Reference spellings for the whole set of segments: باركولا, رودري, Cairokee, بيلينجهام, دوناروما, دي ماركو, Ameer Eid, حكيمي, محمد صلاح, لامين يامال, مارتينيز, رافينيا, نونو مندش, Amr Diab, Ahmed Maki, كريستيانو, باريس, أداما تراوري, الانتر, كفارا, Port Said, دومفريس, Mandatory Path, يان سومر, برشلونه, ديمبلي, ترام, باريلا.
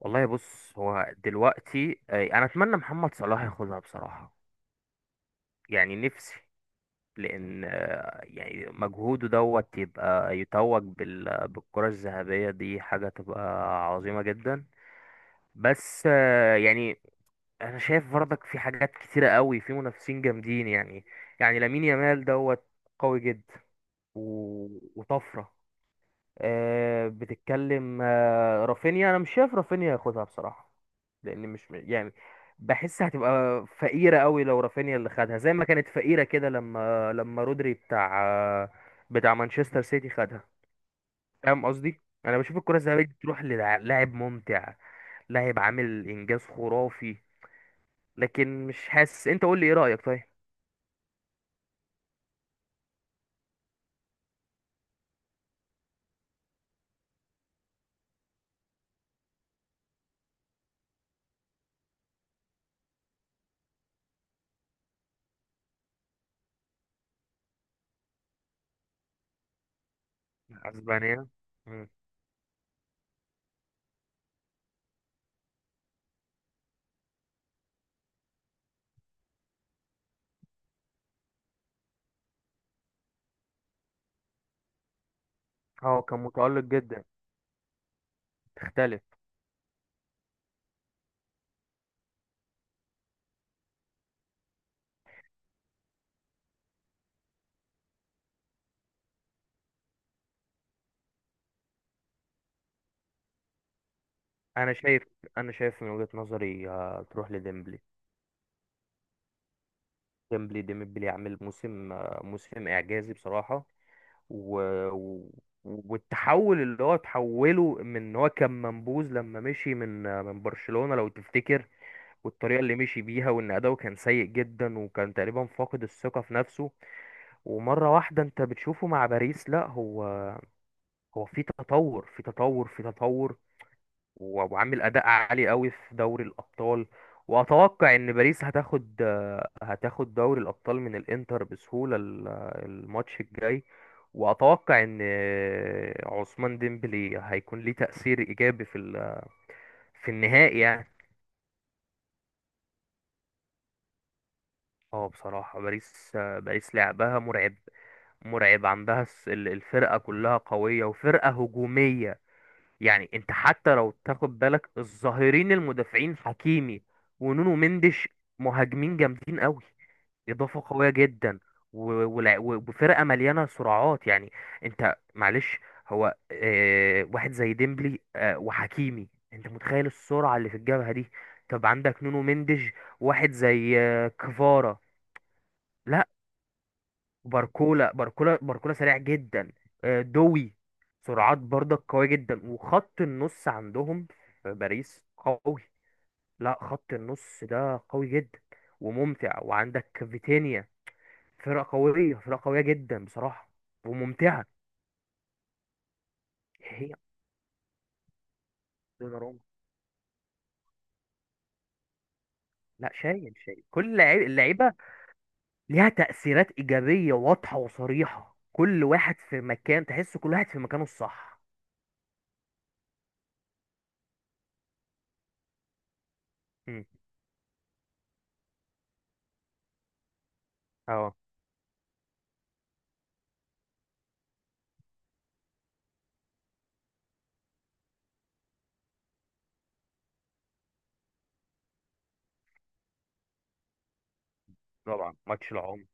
والله بص هو دلوقتي انا اتمنى محمد صلاح ياخدها بصراحة. يعني نفسي. لان يعني مجهوده دوت يبقى يتوج بالكرة الذهبية، دي حاجة تبقى عظيمة جدا. بس يعني انا شايف برضك في حاجات كتيرة قوي، في منافسين جامدين يعني. يعني لامين يامال دوت قوي جدا. وطفرة. بتتكلم. رافينيا انا مش شايف رافينيا ياخدها بصراحه. لان مش يعني بحس هتبقى فقيره قوي لو رافينيا اللي خدها، زي ما كانت فقيره كده لما رودري بتاع آه، بتاع مانشستر سيتي خدها. فاهم قصدي، انا بشوف الكره الذهبيه دي تروح للاعب ممتع، لاعب عامل انجاز خرافي. لكن مش حاسس. انت قول لي ايه رايك طيب. اسبانيا. مم. اه، كان متألق جدا. تختلف. انا شايف انا شايف من وجهة نظري تروح لديمبلي. ديمبلي عامل موسم، موسم اعجازي بصراحه. و... و... والتحول، اللي هو تحوله من ان هو كان منبوذ لما مشي من برشلونه لو تفتكر. والطريقه اللي مشي بيها، وان اداؤه كان سيء جدا وكان تقريبا فاقد الثقه في نفسه. ومره واحده انت بتشوفه مع باريس، لا هو، هو في تطور في تطور في تطور. وعامل اداء عالي قوي في دوري الابطال. واتوقع ان باريس هتاخد دوري الابطال من الانتر بسهوله. الماتش الجاي. واتوقع ان عثمان ديمبلي هيكون ليه تاثير ايجابي في في النهائي يعني. اه بصراحه باريس، باريس لعبها مرعب. مرعب. عندها الفرقه كلها قويه، وفرقه هجوميه. يعني انت حتى لو تاخد بالك، الظاهرين المدافعين حكيمي ونونو مندش. مهاجمين جامدين قوي، اضافه قويه جدا. وفرقه مليانه سرعات يعني. انت معلش، هو واحد زي ديمبلي، وحكيمي، انت متخيل السرعه اللي في الجبهه دي؟ طب عندك نونو مندش، واحد زي كفارا. لا، وباركولا. باركولا باركولا سريع جدا. دوي، سرعات برضك قوية جدا. وخط النص عندهم في باريس قوي. لا، خط النص ده قوي جدا وممتع، وعندك فيتينيا. فرقة قوية. فرقة قوية جدا بصراحة وممتعة. هي. دوناروما، لا، شايل شايل كل اللعيبة. ليها تأثيرات إيجابية واضحة وصريحة. كل واحد في مكان، تحس كل واحد في مكانه الصح. مم. اه، طبعا ماتش العمر.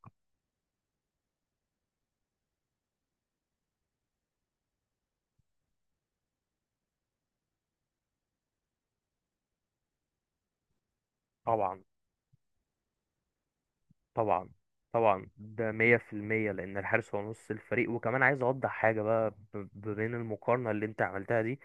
طبعا. طبعا. طبعا، ده مية في المية، لأن الحارس هو نص الفريق. وكمان عايز أوضح حاجة بقى بين المقارنة اللي أنت عملتها دي.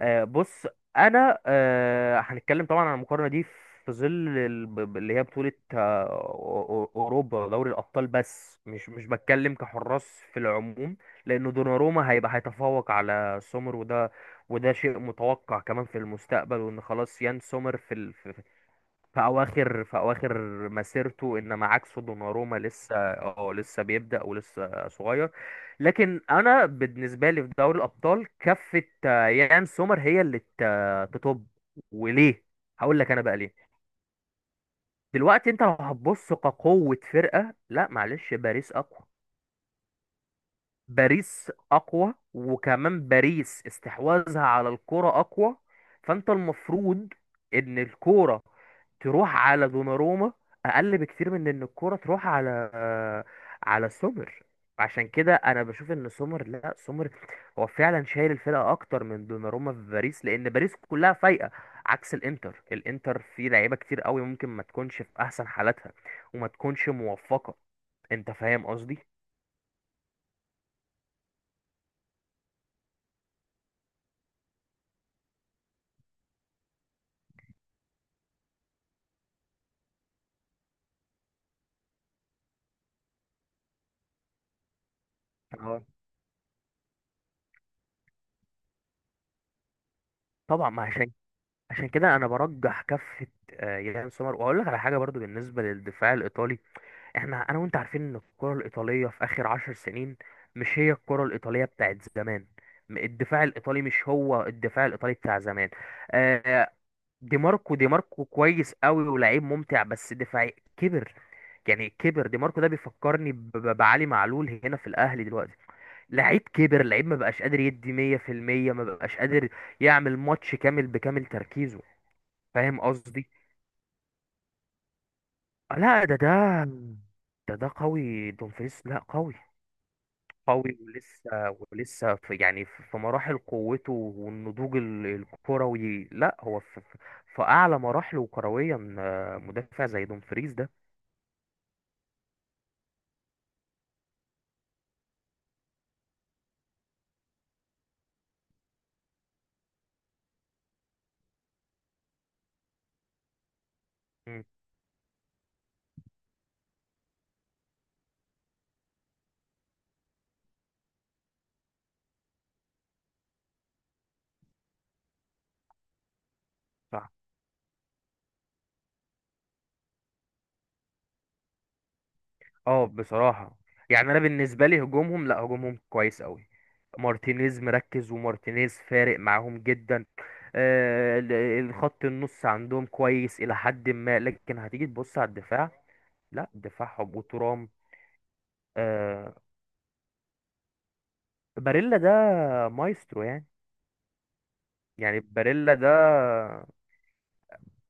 بص، أنا هنتكلم طبعا عن المقارنة دي في ظل اللي هي بطولة أوروبا ودوري الأبطال. بس مش بتكلم كحراس في العموم. لأن دوناروما هيتفوق على سومر، وده شيء متوقع كمان في المستقبل. وإن خلاص يان سومر في اواخر مسيرته، انما عكسه دوناروما لسه بيبدأ ولسه صغير. لكن انا بالنسبه لي في دوري الابطال، كفه يان سومر هي اللي تطب. وليه؟ هقول لك انا بقى ليه. دلوقتي انت لو هتبص كقوه فرقه، لا معلش، باريس اقوى. باريس اقوى، وكمان باريس استحواذها على الكرة اقوى. فانت المفروض ان الكرة تروح على دوناروما اقل بكتير من ان الكرة تروح على سومر. عشان كده انا بشوف ان سومر، لا، سومر هو فعلا شايل الفرقة اكتر من دوناروما في باريس، لان باريس كلها فايقة عكس الانتر فيه لعيبة كتير قوي، ممكن ما تكونش في احسن حالاتها وما تكونش موفقة. انت فاهم قصدي. اه طبعا، ما عشان عشان كده انا برجح كفه يان سومر. واقول لك على حاجه برضو بالنسبه للدفاع الايطالي. احنا انا وانت عارفين ان الكره الايطاليه في اخر 10 سنين مش هي الكره الايطاليه بتاعت زمان. الدفاع الايطالي مش هو الدفاع الايطالي بتاع زمان. آه، دي ماركو كويس قوي ولاعيب ممتع، بس دفاعي كبر. يعني كبر. دي ماركو ده بيفكرني بعلي معلول هنا في الاهلي دلوقتي. لعيب كبر، لعيب ما بقاش قادر يدي 100%، ما بقاش قادر يعمل ماتش كامل بكامل تركيزه. فاهم قصدي. لا، ده قوي. دومفريس لا قوي، قوي. ولسه في، يعني في مراحل قوته والنضوج الكروي. لا هو في، في اعلى مراحله كرويا. مدافع زي دومفريس ده. مم، صح. اه بصراحة، يعني انا بالنسبة لي هجومهم، لا، هجومهم كويس قوي. مارتينيز مركز، ومارتينيز فارق معاهم جدا. الخط النص عندهم كويس الى حد ما، لكن هتيجي تبص على الدفاع. لا، دفاعهم. وترام. آه باريلا ده مايسترو يعني. يعني باريلا ده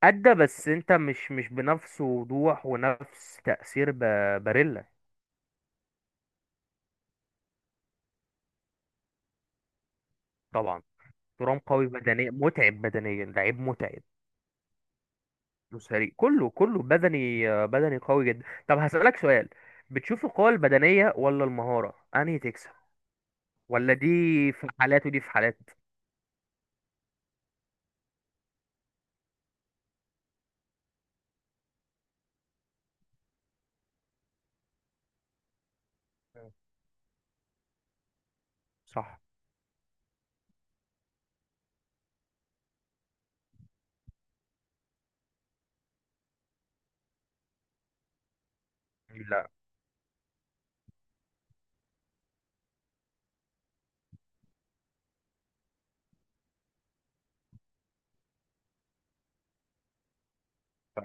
أدى، بس أنت مش بنفس وضوح ونفس تأثير باريلا. طبعا. ترام قوي بدنيا، متعب بدنيا، لعيب متعب وسريع. كله كله بدني، بدني قوي جدا. طب هسألك سؤال، بتشوف القوة البدنية ولا المهارة أنهي تكسب؟ ولا دي في حالات ودي في حالات. صح. لا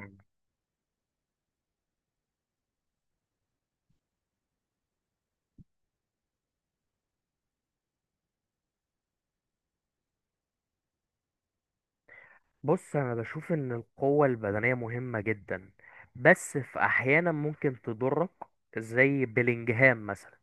بص، انا بشوف ان القوة البدنية مهمة جدا، بس في احيانا ممكن تضرك. زي بيلينجهام مثلا.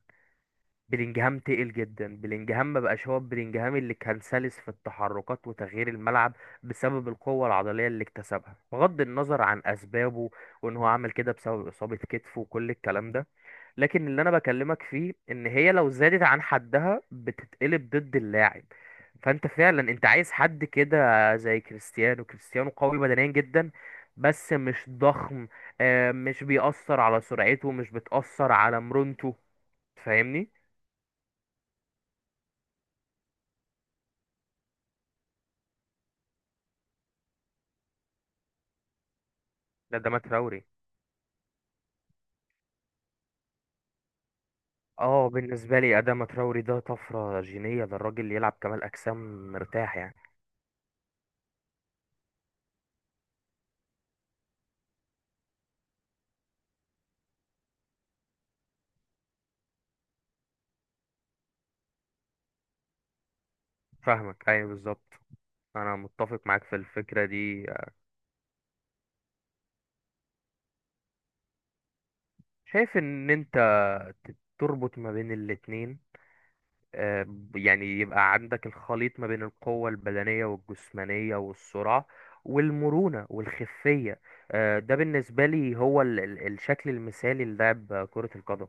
بيلينجهام تقل جدا. بيلينجهام ما بقاش هو بيلينجهام اللي كان سلس في التحركات وتغيير الملعب، بسبب القوة العضلية اللي اكتسبها، بغض النظر عن اسبابه وان هو عمل كده بسبب اصابة كتفه وكل الكلام ده. لكن اللي انا بكلمك فيه، ان هي لو زادت عن حدها بتتقلب ضد اللاعب. فانت فعلا انت عايز حد كده زي كريستيانو. كريستيانو قوي بدنيا جدا بس مش ضخم. مش بيأثر على سرعته، مش بتأثر على مرونته. فاهمني. ده، ما تراوري. اه، بالنسبة لي أداما تراوري ده طفرة جينية. ده الراجل يلعب كمال أجسام مرتاح يعني. فاهمك، أيوه بالظبط. أنا متفق معاك في الفكرة دي. شايف ان انت تربط ما بين الاتنين. يعني يبقى عندك الخليط ما بين القوة البدنية والجسمانية والسرعة والمرونة والخفية. ده بالنسبة لي هو الشكل المثالي للعب كرة القدم.